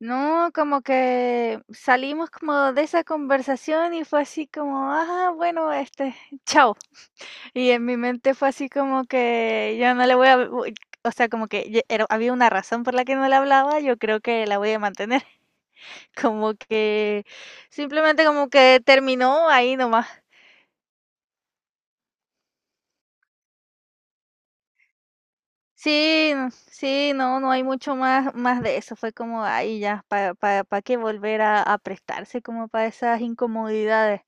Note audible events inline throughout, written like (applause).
No, como que salimos como de esa conversación y fue así como, ah, bueno, (laughs) chao. Y en mi mente fue así como que yo no le voy a, o sea, como que había una razón por la que no le hablaba, yo creo que la voy a mantener. Como que simplemente como que terminó ahí nomás. Sí, no sí, no, no hay mucho más de eso. Fue como, ahí ya, ¿para qué volver a prestarse como para esas incomodidades?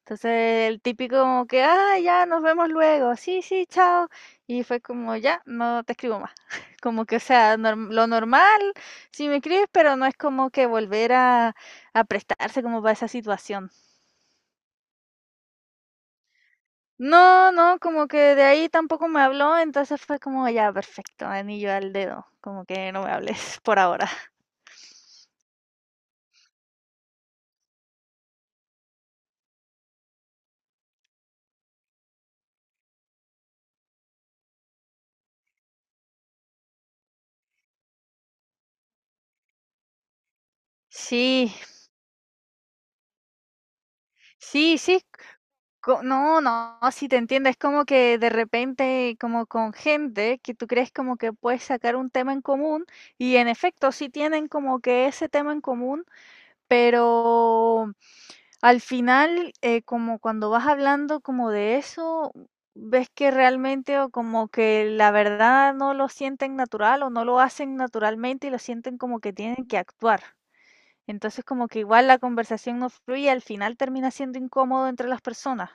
Entonces, el típico como que: "Ah, ya, nos vemos luego. Sí, sí, chao". Y fue como: "Ya, no te escribo más". (laughs) Como que, o sea, norm lo normal, sí me escribes, pero no es como que volver a prestarse como para esa situación. No, no, como que de ahí tampoco me habló, entonces fue como ya perfecto, anillo al dedo, como que no me hables (laughs) por ahora. Sí, sí, sí, no, no, sí te entiendo, es como que de repente como con gente que tú crees como que puedes sacar un tema en común y en efecto sí tienen como que ese tema en común, pero al final, como cuando vas hablando como de eso, ves que realmente o como que la verdad no lo sienten natural o no lo hacen naturalmente y lo sienten como que tienen que actuar. Entonces como que igual la conversación no fluye, al final termina siendo incómodo entre las personas.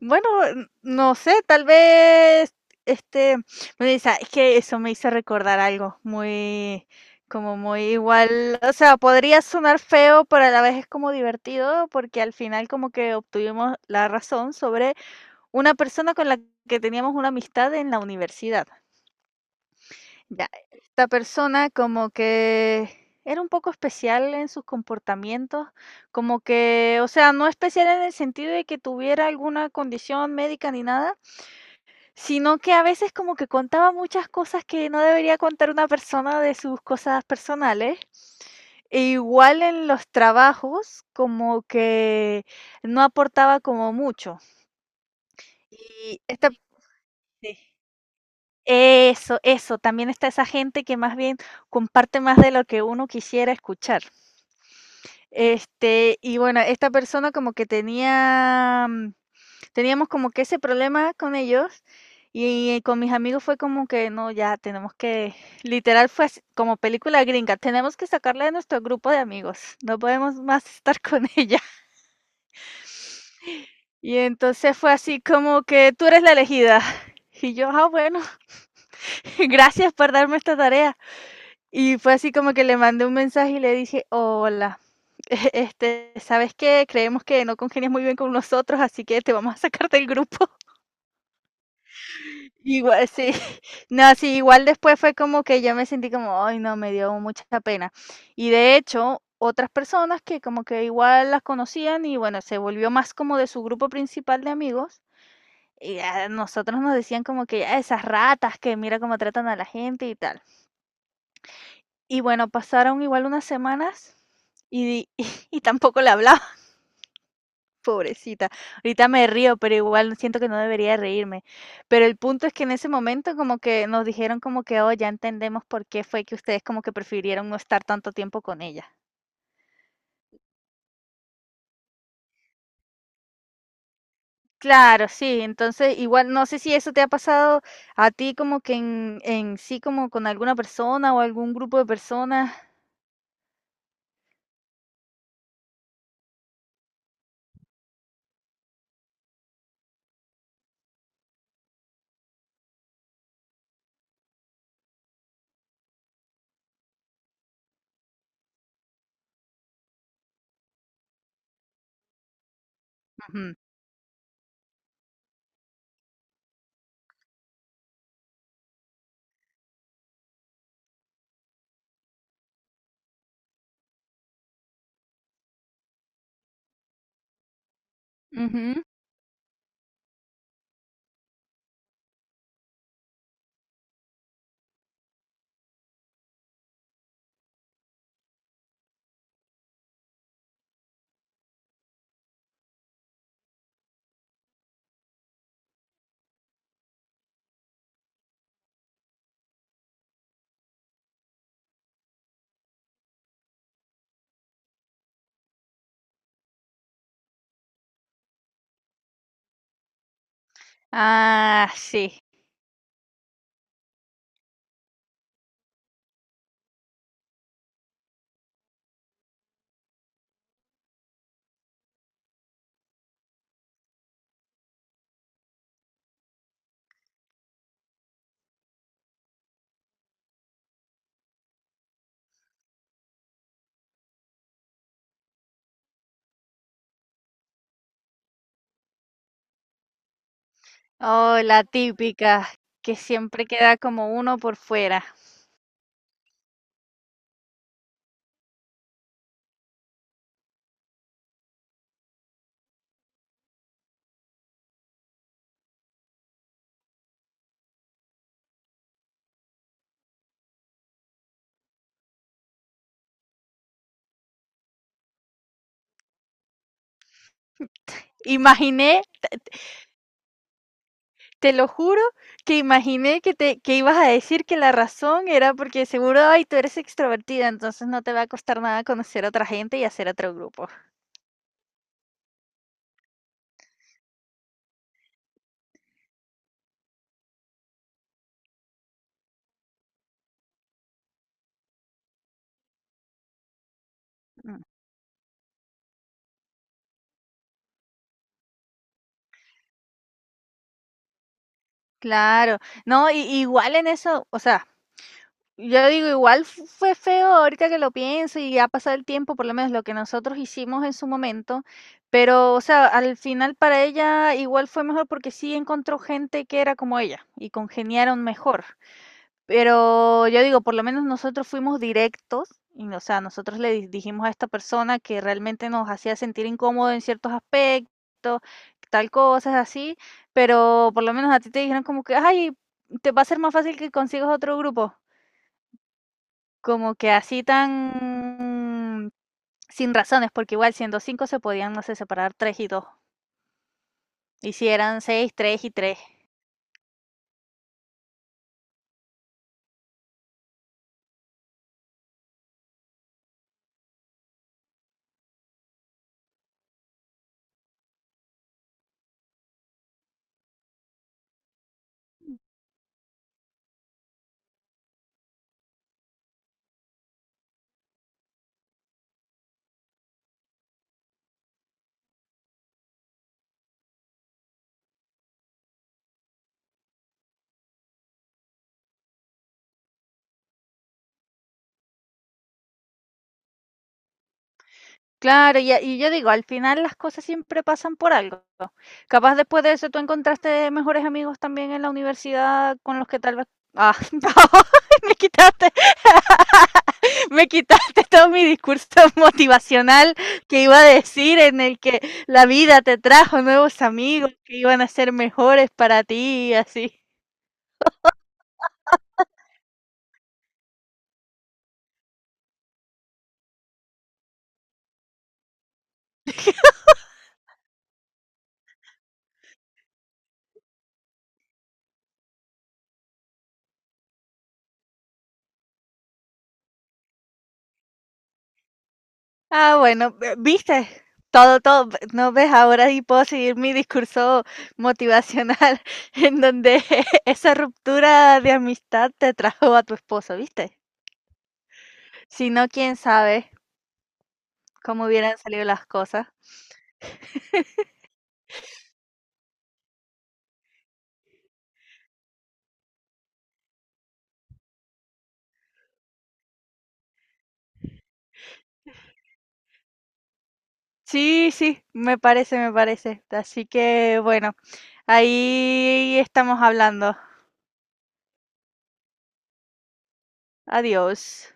Bueno, n no sé, tal vez, este, me dice, es que eso me hizo recordar algo muy, como muy igual, o sea, podría sonar feo, pero a la vez es como divertido, porque al final como que obtuvimos la razón sobre una persona con la que teníamos una amistad en la universidad. Ya, esta persona como que era un poco especial en sus comportamientos, como que, o sea, no especial en el sentido de que tuviera alguna condición médica ni nada, sino que a veces como que contaba muchas cosas que no debería contar una persona de sus cosas personales. E igual en los trabajos, como que no aportaba como mucho. Y esta Sí. Eso, eso. También está esa gente que más bien comparte más de lo que uno quisiera escuchar. Y bueno, esta persona como que teníamos como que ese problema con ellos y con mis amigos fue como que no, ya tenemos que, literal fue así, como película gringa, tenemos que sacarla de nuestro grupo de amigos, no podemos más estar con (laughs) ella. Y entonces fue así como que tú eres la elegida. Y yo, ah, bueno, (laughs) gracias por darme esta tarea. Y fue así como que le mandé un mensaje y le dije, hola, (laughs) ¿sabes qué? Creemos que no congenias muy bien con nosotros, así que te vamos a sacar del grupo. Igual, sí. (laughs) No, sí, igual después fue como que yo me sentí como, ay, no, me dio mucha pena. Y de hecho, otras personas que como que igual las conocían y bueno, se volvió más como de su grupo principal de amigos. Y a nosotros nos decían como que "Ah, esas ratas que mira cómo tratan a la gente y tal. Y bueno, pasaron igual unas semanas y, (laughs) y, tampoco le hablaba. Pobrecita. Ahorita me río, pero igual siento que no debería reírme. Pero el punto es que en ese momento como que nos dijeron como que, oh, ya entendemos por qué fue que ustedes como que prefirieron no estar tanto tiempo con ella. Claro, sí. Entonces, igual no sé si eso te ha pasado a ti como que en, sí, como con alguna persona o algún grupo de personas. Ujú, ujú. Ah, sí. Oh, la típica, que siempre queda como uno por fuera. Imaginé Te lo juro que imaginé que ibas a decir que la razón era porque seguro, ay, tú eres extrovertida, entonces no te va a costar nada conocer a otra gente y hacer otro grupo. Mm, claro, no, y, igual en eso, o sea, yo digo, igual fue feo ahorita que lo pienso y ha pasado el tiempo, por lo menos lo que nosotros hicimos en su momento, pero, o sea, al final para ella igual fue mejor porque sí encontró gente que era como ella y congeniaron mejor. Pero yo digo, por lo menos nosotros fuimos directos, y, o sea, nosotros dijimos a esta persona que realmente nos hacía sentir incómodo en ciertos aspectos, tal cosas así, pero por lo menos a ti te dijeron como que, ay, te va a ser más fácil que consigas otro grupo, como que así tan sin razones, porque igual siendo cinco se podían, no sé, separar tres y dos, y si eran seis, tres y tres. Claro, y a y yo digo, al final las cosas siempre pasan por algo. Capaz después de eso tú encontraste mejores amigos también en la universidad con los que tal vez ah, (laughs) no, me quitaste (laughs) me quitaste todo mi discurso (laughs) motivacional que iba a decir, en el que la vida te trajo nuevos amigos que iban a ser mejores para ti, así. Ah, bueno, viste, todo, todo, no ves, ahora y puedo seguir mi discurso motivacional (laughs) en donde (laughs) esa ruptura de amistad te trajo a tu esposo, ¿viste? Si no, quién sabe cómo hubieran salido las cosas. Sí, sí, me parece, me parece. Así que bueno, ahí estamos hablando. Adiós.